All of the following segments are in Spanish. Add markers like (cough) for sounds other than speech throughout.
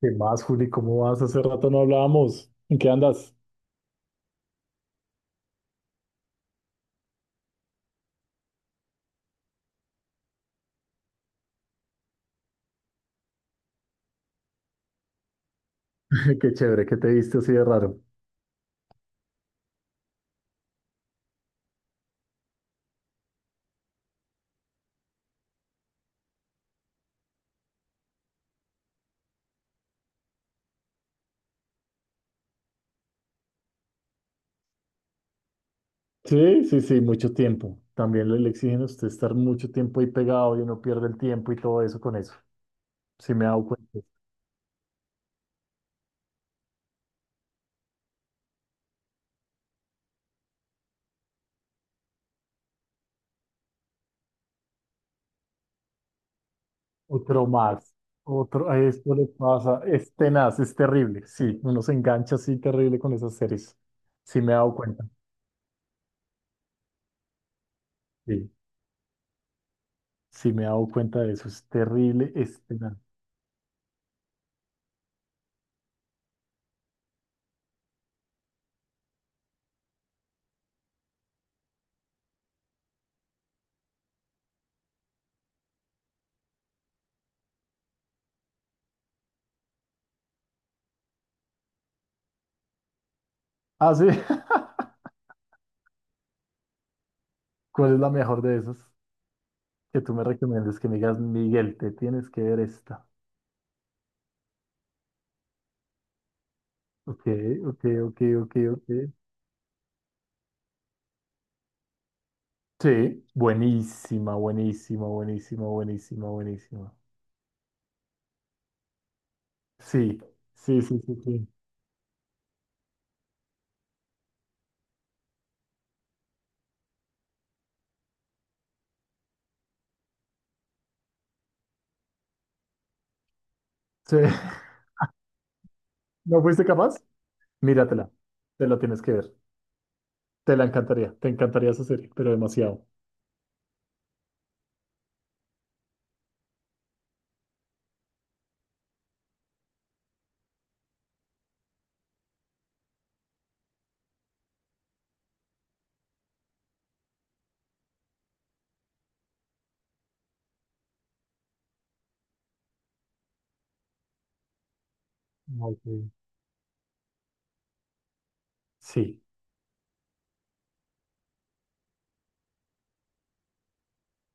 ¿Qué más, Juli? ¿Cómo vas? Hace rato no hablábamos. ¿En qué andas? (laughs) Qué chévere que te viste así de raro. Sí, sí, sí, mucho tiempo. También le exigen a usted estar mucho tiempo ahí pegado y uno pierde el tiempo y todo eso con eso. Sí me he dado cuenta. Otro más. Otro, a esto le pasa. Es tenaz, es terrible. Sí, uno se engancha así terrible con esas series. Sí me he dado cuenta. Sí, sí me he dado cuenta de eso. Es terrible, es tenaz. Ah, sí. (laughs) ¿Cuál es la mejor de esas? Que tú me recomiendes, que me digas, Miguel, te tienes que ver esta. Ok, ok, ok, ok, ok. Sí, buenísima, buenísima, buenísima, buenísima, buenísima. Sí, sí, sí, sí, sí. Sí. (laughs) ¿No fuiste capaz? Míratela, te la tienes que ver. Te la encantaría, te encantaría esa serie, pero demasiado. Ok. Sí,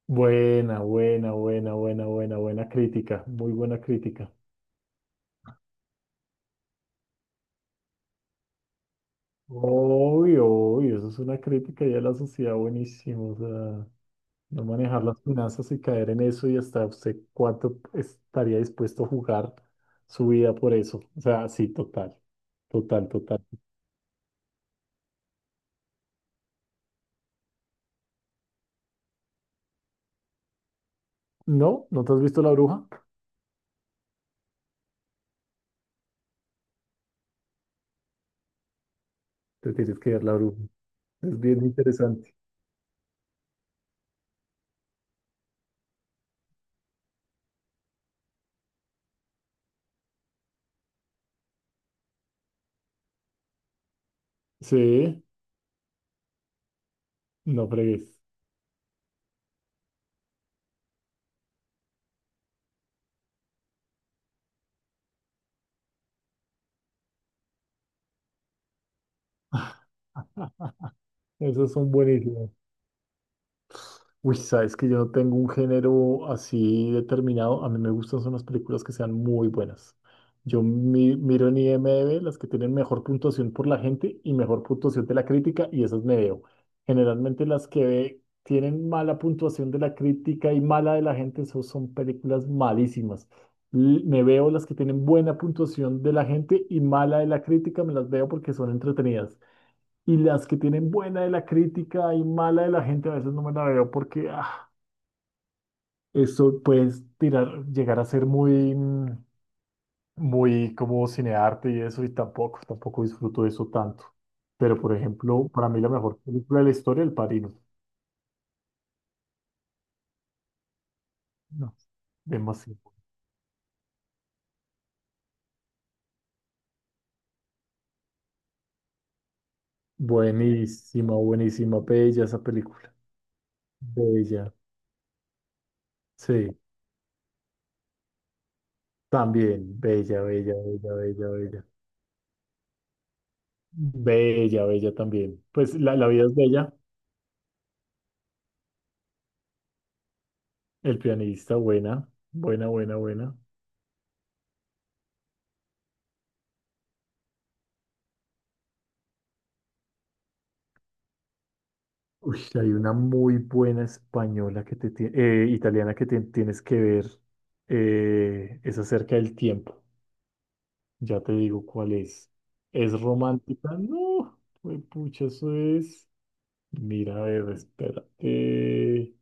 buena, buena, buena, buena, buena, buena crítica, muy buena crítica. Obvio, obvio, eso es una crítica ya a la sociedad, buenísimo, o sea. No manejar las finanzas y caer en eso y hasta usted cuánto estaría dispuesto a jugar su vida por eso. O sea, sí, total, total, total. No, ¿no te has visto La Bruja? Te tienes que ver La Bruja. Es bien interesante. Sí, no fregues. Ah, esos son buenísimos. Uy, sabes que yo no tengo un género así determinado. A mí me gustan son las películas que sean muy buenas. Yo miro en IMDb las que tienen mejor puntuación por la gente y mejor puntuación de la crítica y esas me veo. Generalmente las que tienen mala puntuación de la crítica y mala de la gente, eso son películas malísimas. Me veo las que tienen buena puntuación de la gente y mala de la crítica, me las veo porque son entretenidas. Y las que tienen buena de la crítica y mala de la gente, a veces no me la veo porque ah, eso puede tirar, llegar a ser muy, muy como cinearte y eso, y tampoco, tampoco disfruto de eso tanto. Pero, por ejemplo, para mí la mejor película de la historia, El Padrino. No, demasiado. Buenísima, buenísima, bella esa película. Bella, sí, también, bella, bella, bella, bella, bella. Bella, bella también. Pues la vida es bella, El pianista, buena, buena, buena, buena. Uy, hay una muy buena española italiana que te tienes que ver. Es acerca del tiempo. Ya te digo cuál es. ¿Es romántica? No, pues pucha, eso es. Mira, a ver, espérate.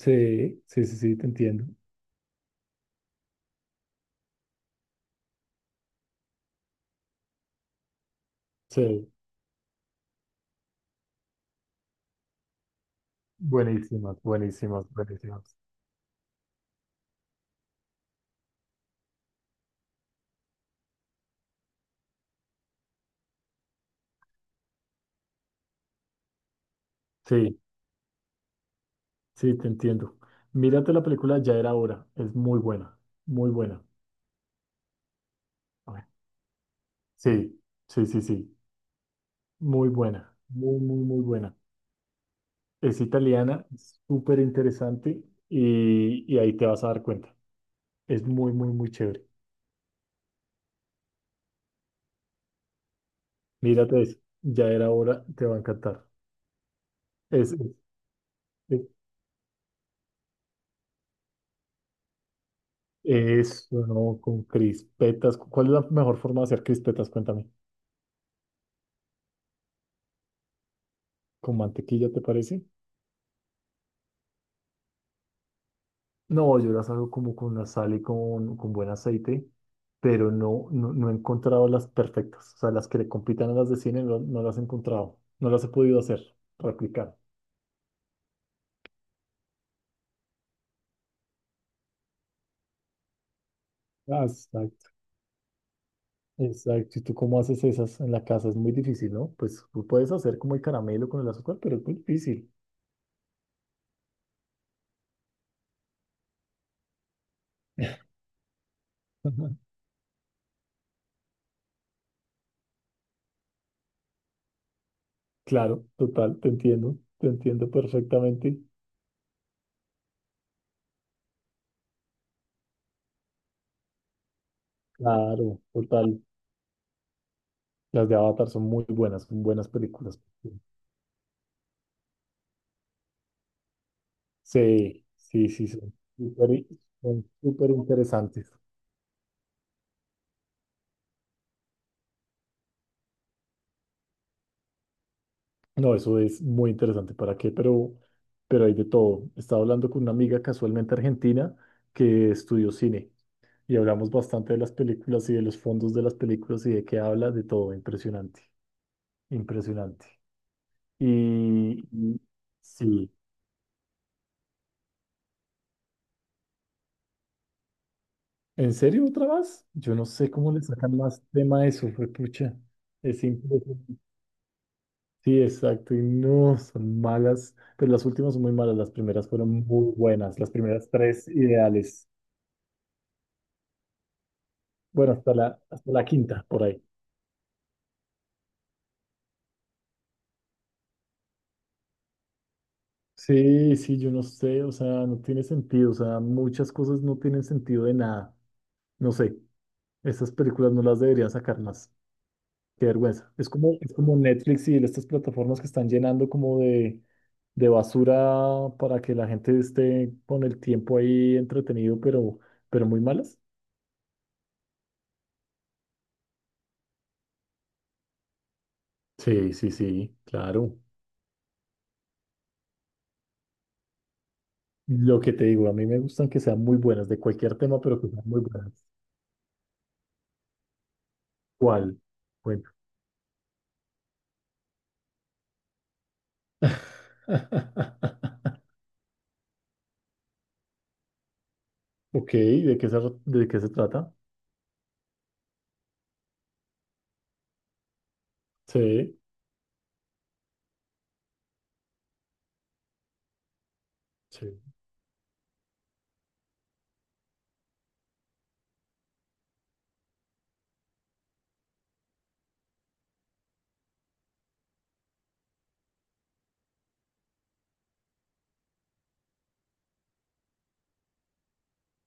Sí, sí, sí, sí, te entiendo. Sí, buenísimas, buenísimas, buenísimas. Sí, sí, te entiendo. Mírate la película, ya era hora. Es muy buena, muy buena. Sí, sí, sí, sí. Muy buena, muy, muy, muy buena. Es italiana, es súper interesante, y ahí te vas a dar cuenta. Es muy, muy, muy chévere. Mírate eso, ya era hora, te va a encantar. Es, es, es- Eso, ¿no? Con crispetas. ¿Cuál es la mejor forma de hacer crispetas? Cuéntame. ¿Con mantequilla te parece? No, yo las hago como con la sal y con buen aceite, pero no, no, no he encontrado las perfectas. O sea, las que le compitan a las de cine no, no las he encontrado. No las he podido hacer, replicar. Ah, exacto. Exacto. ¿Y tú cómo haces esas en la casa? Es muy difícil, ¿no? Pues tú puedes hacer como el caramelo con el azúcar, pero es muy difícil. Ajá. Claro, total, te entiendo. Te entiendo perfectamente. Claro, total. Las de Avatar son muy buenas, son buenas películas. Sí, sí, sí, son son súper interesantes. No, eso es muy interesante. ¿Para qué? Pero hay de todo. Estaba hablando con una amiga casualmente argentina que estudió cine y hablamos bastante de las películas y de los fondos de las películas y de qué habla, de todo. Impresionante, impresionante. Y sí, ¿en serio otra vez? Yo no sé cómo le sacan más tema a eso, fue pucha. Es impresionante. Sí, exacto. Y no, son malas. Pero las últimas son muy malas. Las primeras fueron muy buenas. Las primeras tres ideales. Bueno, hasta la quinta, por ahí. Sí, sí, yo no sé. O sea, no tiene sentido. O sea, muchas cosas no tienen sentido de nada. No sé. Estas películas no las deberían sacar más. Qué vergüenza. Es como Netflix y estas plataformas que están llenando como de basura para que la gente esté con el tiempo ahí entretenido, pero muy malas. Sí, sí, sí, claro. Lo que te digo, a mí me gustan que sean muy buenas, de cualquier tema, pero que sean muy buenas. ¿Cuál? Bueno. (laughs) Ok, ¿de qué se trata? Sí, sí.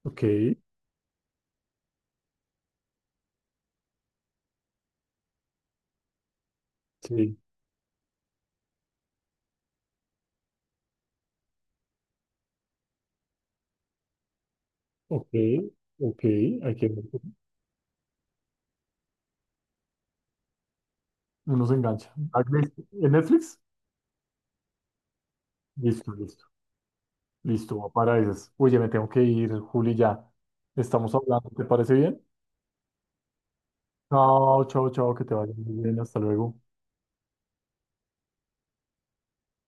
Ok, sí. Ok, ok. Hay que ver. Uno se engancha. ¿En Netflix? Listo, listo. Listo, va para esas. Oye, me tengo que ir, Juli, ya. Estamos hablando, ¿te parece bien? Chao, chao, chao, que te vaya muy bien. Hasta luego.